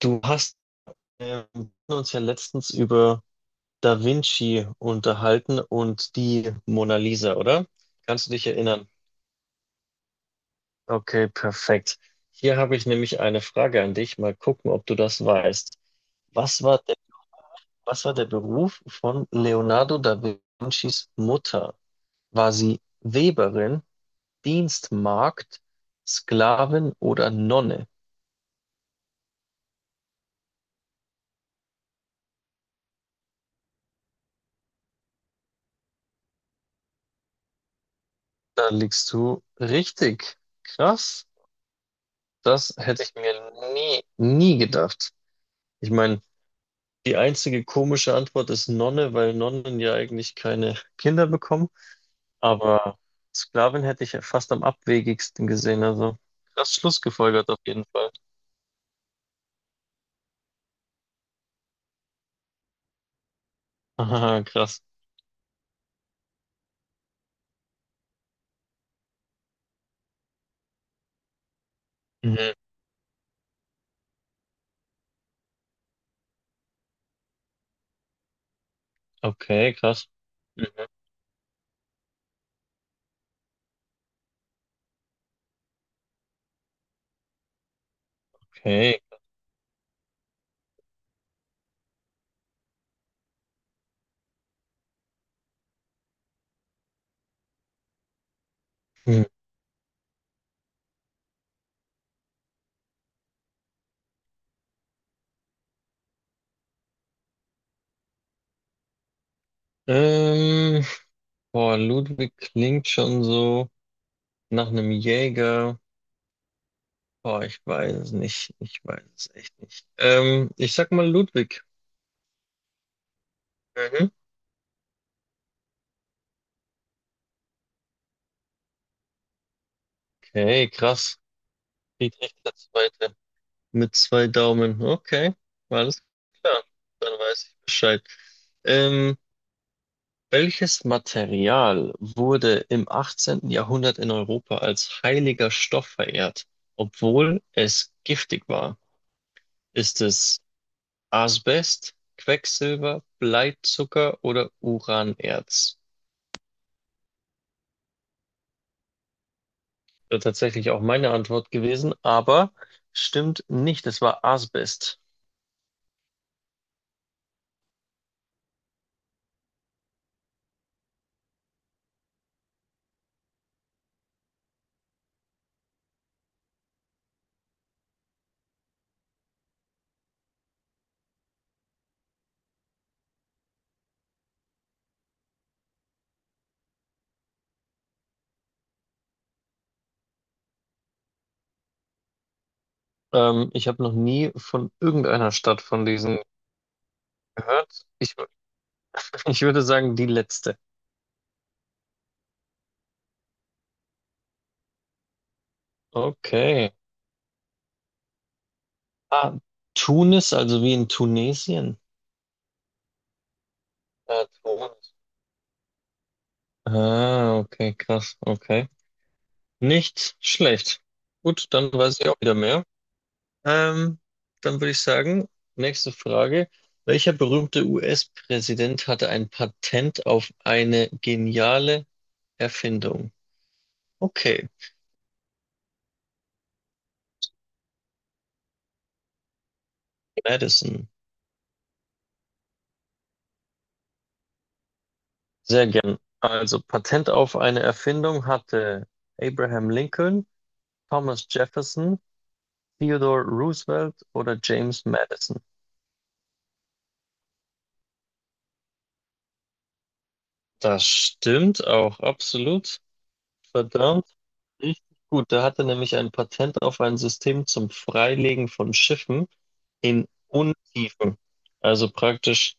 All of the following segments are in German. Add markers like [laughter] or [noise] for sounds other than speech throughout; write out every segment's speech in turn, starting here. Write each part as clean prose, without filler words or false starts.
Du hast wir haben uns ja letztens über Da Vinci unterhalten und die Mona Lisa, oder? Kannst du dich erinnern? Okay, perfekt. Hier habe ich nämlich eine Frage an dich. Mal gucken, ob du das weißt. Was war der, was war der Beruf von Leonardo da Vincis Mutter? War sie Weberin, Dienstmagd, Sklavin oder Nonne? Da liegst du richtig. Krass. Das hätte ich mir nie gedacht. Ich meine, die einzige komische Antwort ist Nonne, weil Nonnen ja eigentlich keine Kinder bekommen. Aber Sklavin hätte ich ja fast am abwegigsten gesehen. Also krass schlussgefolgert auf jeden Fall. [laughs] Aha, krass. Mhm. Okay, krass. Okay. Hm. Ähm, boah, Ludwig klingt schon so nach einem Jäger. Boah, ich weiß es nicht. Ich weiß es echt nicht. Ich sag mal Ludwig. Mhm. Okay, krass. Geht echt zweite mit zwei Daumen. Okay, alles klar. Dann weiß ich Bescheid. Ähm, welches Material wurde im 18. Jahrhundert in Europa als heiliger Stoff verehrt, obwohl es giftig war? Ist es Asbest, Quecksilber, Bleizucker oder Uranerz? Wäre tatsächlich auch meine Antwort gewesen, aber stimmt nicht. Es war Asbest. Ich habe noch nie von irgendeiner Stadt von diesen gehört. [laughs] Ich würde sagen, die letzte. Okay. Ah, Tunis, also wie in Tunesien. Ja, Tunis. Ah, okay, krass. Okay. Nicht schlecht. Gut, dann weiß ich auch wieder mehr. Ähm, dann würde ich sagen, nächste Frage. Welcher berühmte US-Präsident hatte ein Patent auf eine geniale Erfindung? Okay, Madison. Sehr gern. Also Patent auf eine Erfindung hatte Abraham Lincoln, Thomas Jefferson, Theodore Roosevelt oder James Madison. Das stimmt auch absolut. Verdammt, richtig gut. Der hatte nämlich ein Patent auf ein System zum Freilegen von Schiffen in Untiefen. Also praktisch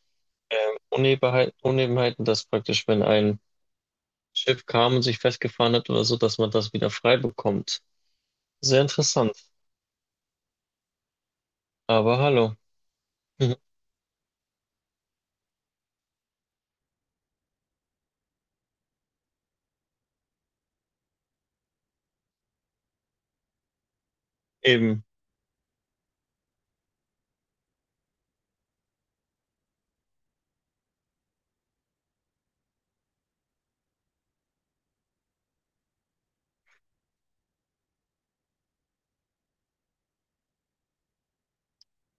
Unebenheit, Unebenheiten, dass praktisch, wenn ein Schiff kam und sich festgefahren hat oder so, dass man das wieder frei bekommt. Sehr interessant. Aber hallo. Mhm. Eben.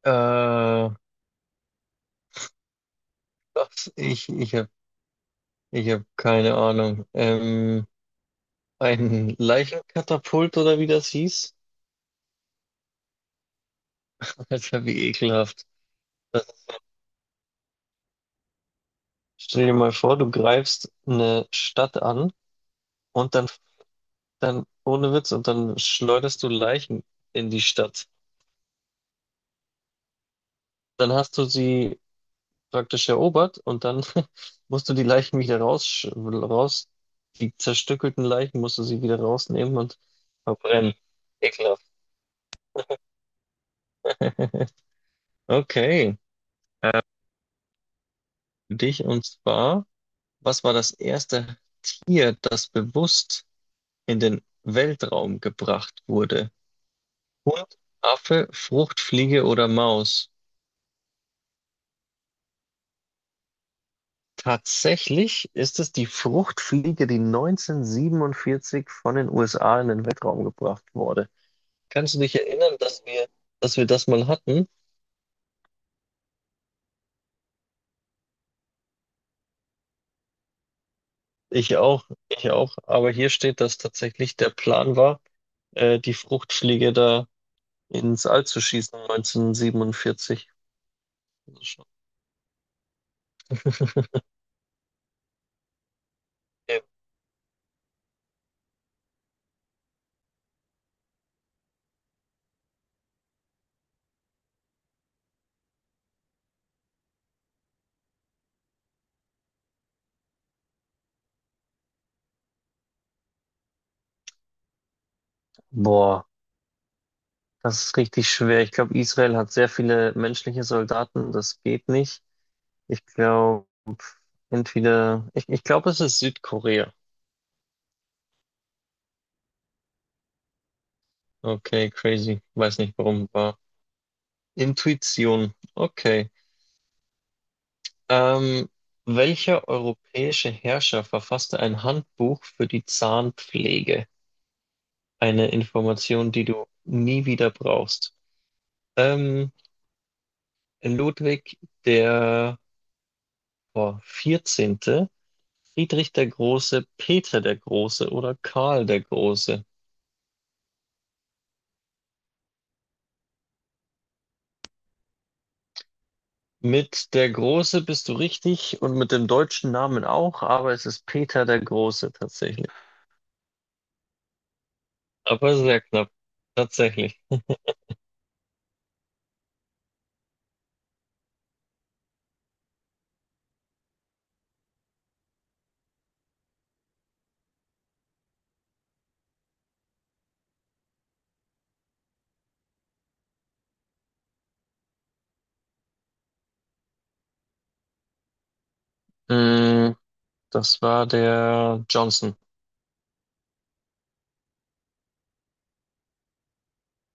Äh, was? Ich, ich habe ich hab keine Ahnung. Ein Leichenkatapult oder wie das hieß? Das wäre wie ekelhaft. Das, stell dir mal vor, du greifst eine Stadt an und ohne Witz, und dann schleuderst du Leichen in die Stadt. Dann hast du sie praktisch erobert und dann [laughs] musst du die Leichen wieder raus, die zerstückelten Leichen musst du sie wieder rausnehmen und verbrennen. Ekelhaft. [laughs] Okay, äh, für dich und zwar, was war das erste Tier, das bewusst in den Weltraum gebracht wurde? Hund, Affe, Fruchtfliege oder Maus? Tatsächlich ist es die Fruchtfliege, die 1947 von den USA in den Weltraum gebracht wurde. Kannst du dich erinnern, dass wir das mal hatten? Ich auch, ich auch. Aber hier steht, dass tatsächlich der Plan war, die Fruchtfliege da ins All zu schießen 1947. [laughs] Boah, das ist richtig schwer. Ich glaube, Israel hat sehr viele menschliche Soldaten. Das geht nicht. Ich glaube, ich glaube, es ist Südkorea. Okay, crazy. Weiß nicht, warum war. Intuition. Okay. Ähm, welcher europäische Herrscher verfasste ein Handbuch für die Zahnpflege? Eine Information, die du nie wieder brauchst. Ähm, Ludwig der boah, 14., Friedrich der Große, Peter der Große oder Karl der Große. Mit der Große bist du richtig und mit dem deutschen Namen auch, aber es ist Peter der Große tatsächlich. Aber sehr knapp, tatsächlich. Mm, das war der Johnson.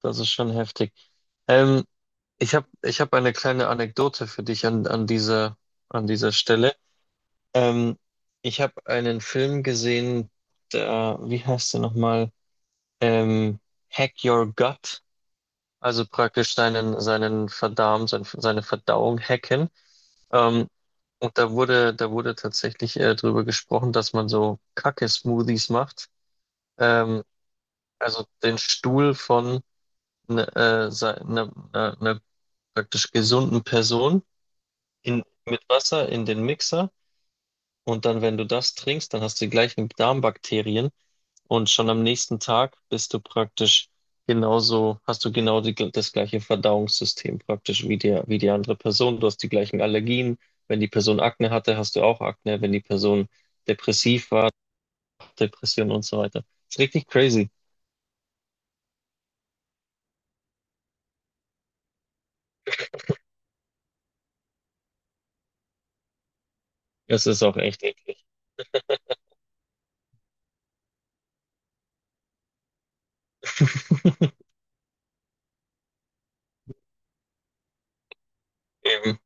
Das ist schon heftig. Ähm, ich hab eine kleine Anekdote für dich an dieser, an dieser Stelle. Ähm, ich habe einen Film gesehen, der, wie heißt der nochmal? Ähm, Hack Your Gut, also praktisch seinen Verdarm, seine Verdauung hacken. Ähm, und da wurde tatsächlich drüber gesprochen, dass man so Kacke-Smoothies macht. Ähm, also den Stuhl von einer ne, ne, äh, ne praktisch gesunden Person in, mit Wasser in den Mixer. Und dann, wenn du das trinkst, dann hast du die gleichen Darmbakterien. Und schon am nächsten Tag bist du praktisch genauso, hast du genau das gleiche Verdauungssystem praktisch wie wie die andere Person. Du hast die gleichen Allergien. Wenn die Person Akne hatte, hast du auch Akne. Wenn die Person depressiv war, Depression und so weiter. Ist richtig crazy. Es ist auch echt eklig. [laughs] Eben.